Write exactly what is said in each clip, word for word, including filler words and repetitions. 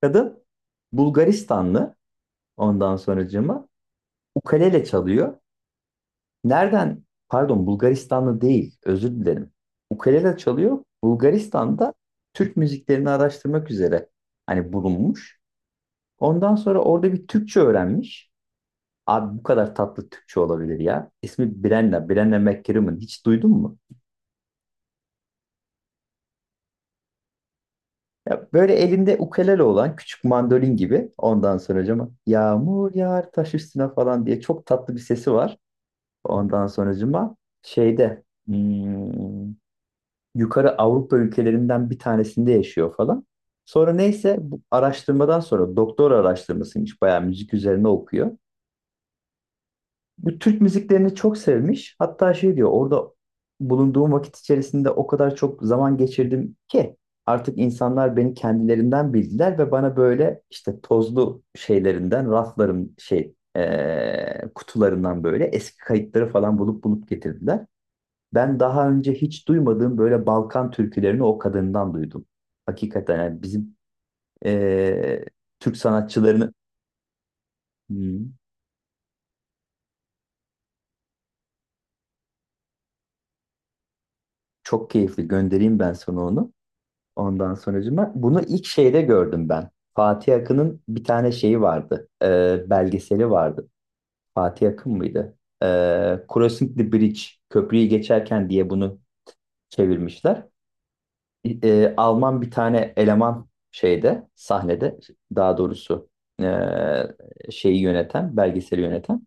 Kadın Bulgaristanlı ondan sonracığıma ukulele çalıyor. Nereden? Pardon Bulgaristanlı değil özür dilerim. Ukulele çalıyor. Bulgaristan'da Türk müziklerini araştırmak üzere hani bulunmuş. Ondan sonra orada bir Türkçe öğrenmiş. Abi bu kadar tatlı Türkçe olabilir ya. İsmi Brenna, Brenna McCrimmon. Hiç duydun mu? Ya böyle elinde ukulele olan küçük mandolin gibi ondan sonra hocama yağmur yağar taş üstüne falan diye çok tatlı bir sesi var. Ondan sonracıma şeyde hmm, yukarı Avrupa ülkelerinden bir tanesinde yaşıyor falan. Sonra neyse bu araştırmadan sonra doktora araştırmasıymış bayağı müzik üzerine okuyor. Bu Türk müziklerini çok sevmiş. Hatta şey diyor: orada bulunduğum vakit içerisinde o kadar çok zaman geçirdim ki artık insanlar beni kendilerinden bildiler ve bana böyle işte tozlu şeylerinden, rafların şey eee, kutularından böyle eski kayıtları falan bulup bulup getirdiler. Ben daha önce hiç duymadığım böyle Balkan türkülerini o kadından duydum. Hakikaten yani bizim eee, Türk sanatçılarını. Hmm, Çok keyifli, göndereyim ben sana onu. Ondan sonracığıma bunu ilk şeyde gördüm ben. Fatih Akın'ın bir tane şeyi vardı. Eee, belgeseli vardı. Fatih Akın mıydı? Eee Crossing the Bridge, köprüyü geçerken diye bunu çevirmişler. e, Alman bir tane eleman şeyde sahnede, daha doğrusu e, şeyi yöneten, belgeseli yöneten,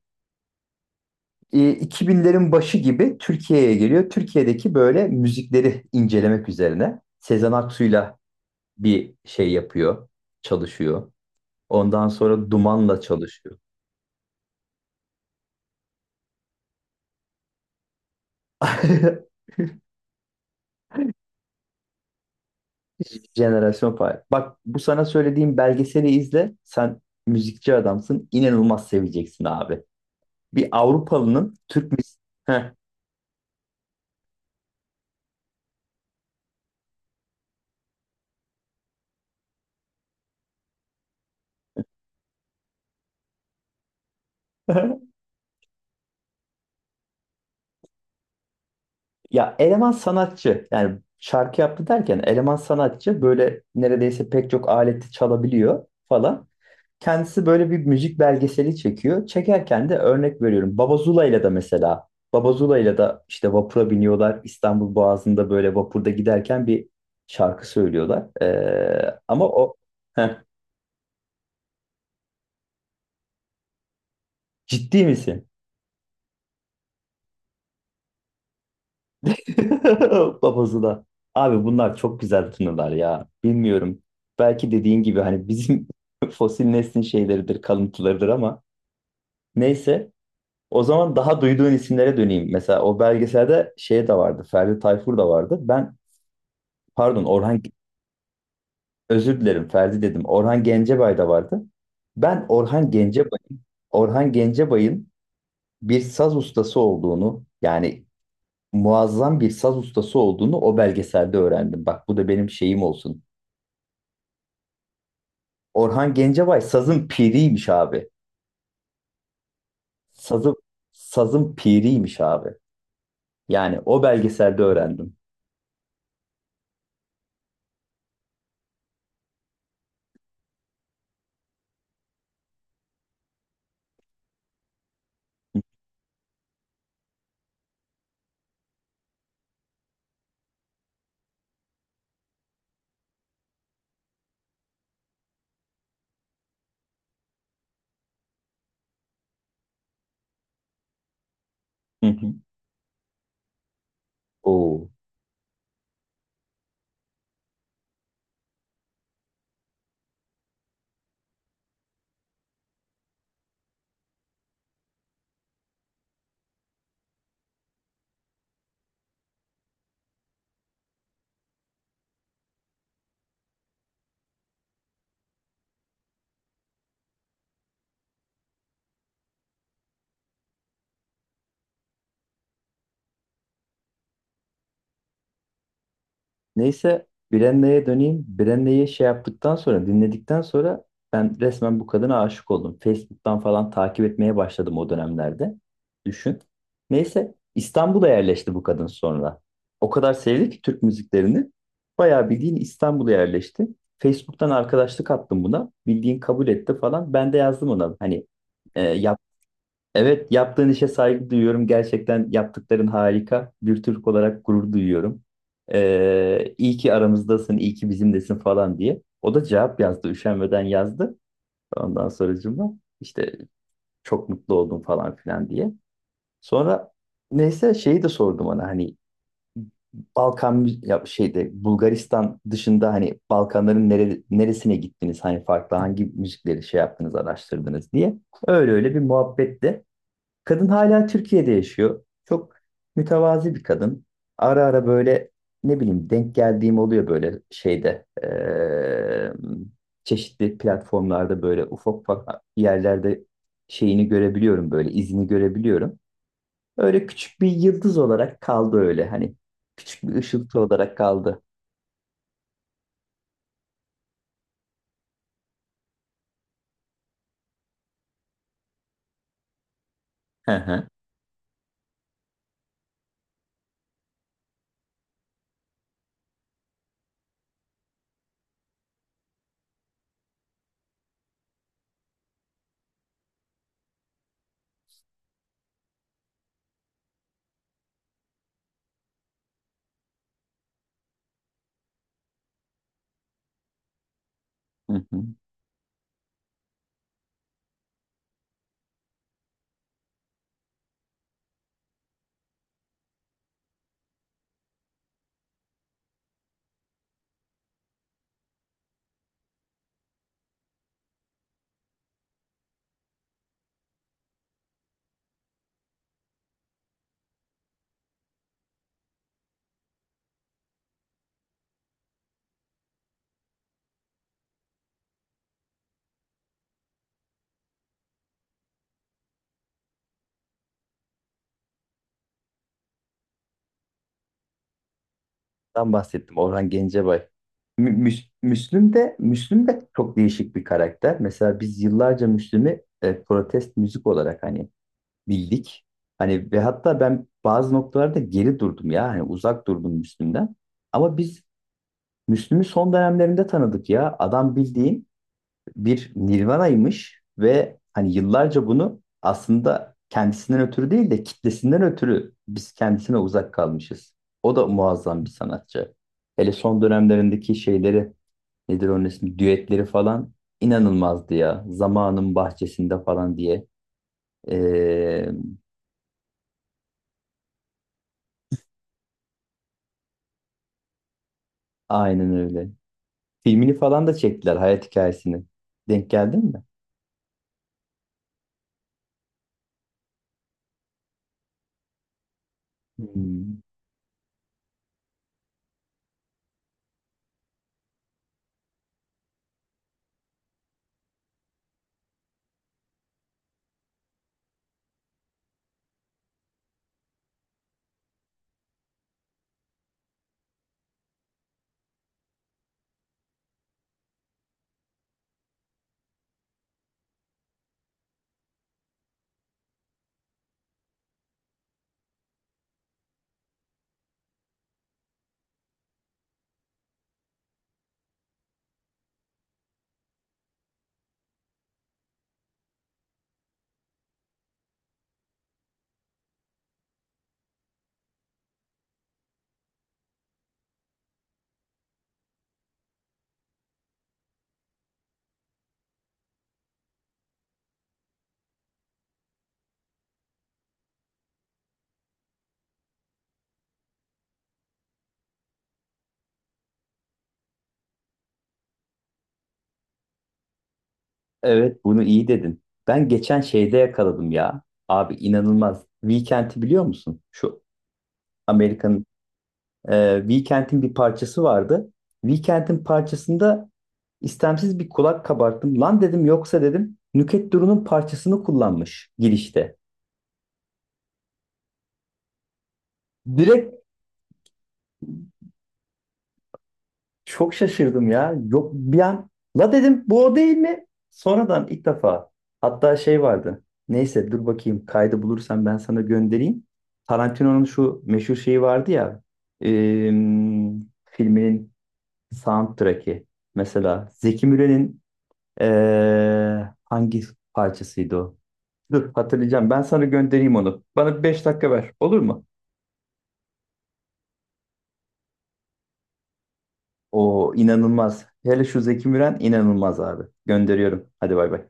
e, iki binlerin başı gibi Türkiye'ye geliyor. Türkiye'deki böyle müzikleri incelemek üzerine Sezen Aksu'yla bir şey yapıyor, çalışıyor. Ondan sonra Duman'la çalışıyor. Jenerasyon Fire. Bak, bu sana söylediğim belgeseli izle. Sen müzikçi adamsın. İnanılmaz seveceksin abi. Bir Avrupalının Türk müziği. Ya eleman sanatçı, yani şarkı yaptı derken, eleman sanatçı böyle neredeyse pek çok aleti çalabiliyor falan. Kendisi böyle bir müzik belgeseli çekiyor. Çekerken de örnek veriyorum, Baba Zula'yla da mesela. Baba Zula'yla da işte vapura biniyorlar. İstanbul Boğazı'nda böyle vapurda giderken bir şarkı söylüyorlar. Ee, ama o. Heh, ciddi misin? Babası da. Abi bunlar çok güzel tınılar ya. Bilmiyorum. Belki dediğin gibi hani bizim fosil neslin şeyleridir, kalıntılarıdır ama neyse. O zaman daha duyduğun isimlere döneyim. Mesela o belgeselde şey de vardı. Ferdi Tayfur da vardı. Ben, pardon Orhan, özür dilerim Ferdi dedim. Orhan Gencebay da vardı. Ben Orhan Gencebay Orhan Gencebay'ın bir saz ustası olduğunu, yani muazzam bir saz ustası olduğunu o belgeselde öğrendim. Bak, bu da benim şeyim olsun. Orhan Gencebay sazın piriymiş abi. Sazın, sazın piriymiş abi. Yani o belgeselde öğrendim. Hı hı. Oo. Neyse, Brenna'ya döneyim. Brenna'yı şey yaptıktan sonra, dinledikten sonra, ben resmen bu kadına aşık oldum. Facebook'tan falan takip etmeye başladım o dönemlerde. Düşün. Neyse, İstanbul'a yerleşti bu kadın sonra. O kadar sevdi ki Türk müziklerini. Bayağı bildiğin İstanbul'a yerleşti. Facebook'tan arkadaşlık attım buna. Bildiğin kabul etti falan. Ben de yazdım ona. Hani, e, Evet, yaptığın işe saygı duyuyorum. Gerçekten yaptıkların harika. Bir Türk olarak gurur duyuyorum. Ee, iyi ki aramızdasın, iyi ki bizimlesin falan diye. O da cevap yazdı, üşenmeden yazdı. Ondan sonracığıma işte çok mutlu oldum falan filan diye. Sonra neyse şeyi de sordum ona, hani Balkan mü- ya şeyde Bulgaristan dışında hani Balkanların nere- neresine gittiniz? Hani farklı hangi müzikleri şey yaptınız, araştırdınız diye. Öyle öyle bir muhabbetti. Kadın hala Türkiye'de yaşıyor. Çok mütevazi bir kadın. Ara ara böyle ne bileyim denk geldiğim oluyor, böyle şeyde eee, çeşitli platformlarda, böyle ufak ufak yerlerde şeyini görebiliyorum, böyle izini görebiliyorum. Öyle küçük bir yıldız olarak kaldı, öyle hani küçük bir ışıltı olarak kaldı. Hı hı. Hı hı. Ben bahsettim, Orhan Gencebay. Mü- Müs- Müslüm de Müslüm de çok değişik bir karakter. Mesela biz yıllarca Müslüm'ü e, protest müzik olarak hani bildik. Hani ve hatta ben bazı noktalarda geri durdum ya. Hani uzak durdum Müslüm'den. Ama biz Müslüm'ü son dönemlerinde tanıdık ya. Adam bildiğin bir Nirvana'ymış ve hani yıllarca bunu aslında kendisinden ötürü değil de kitlesinden ötürü biz kendisine uzak kalmışız. O da muazzam bir sanatçı. Hele son dönemlerindeki şeyleri, nedir onun ismi, düetleri falan, inanılmazdı ya. Zamanın bahçesinde falan diye. Ee, aynen öyle. Filmini falan da çektiler, hayat hikayesini. Denk geldin mi? Hmm. Evet, bunu iyi dedin. Ben geçen şeyde yakaladım ya. Abi inanılmaz. Weekend'i biliyor musun? Şu Amerika'nın, e, Weekend'in bir parçası vardı. Weekend'in parçasında istemsiz bir kulak kabarttım. Lan dedim, yoksa dedim Nükhet Duru'nun parçasını kullanmış girişte. Direkt. Çok şaşırdım ya. Yok, bir an la dedim, bu o değil mi? Sonradan ilk defa. Hatta şey vardı. Neyse, dur bakayım, kaydı bulursam ben sana göndereyim. Tarantino'nun şu meşhur şeyi vardı ya. Em, filminin soundtrack'i. Mesela Zeki Müren'in eee, hangi parçasıydı o? Dur, hatırlayacağım. Ben sana göndereyim onu. Bana beş dakika ver. Olur mu? O inanılmaz. Hele şu Zeki Müren inanılmaz abi. Gönderiyorum. Hadi bay bay.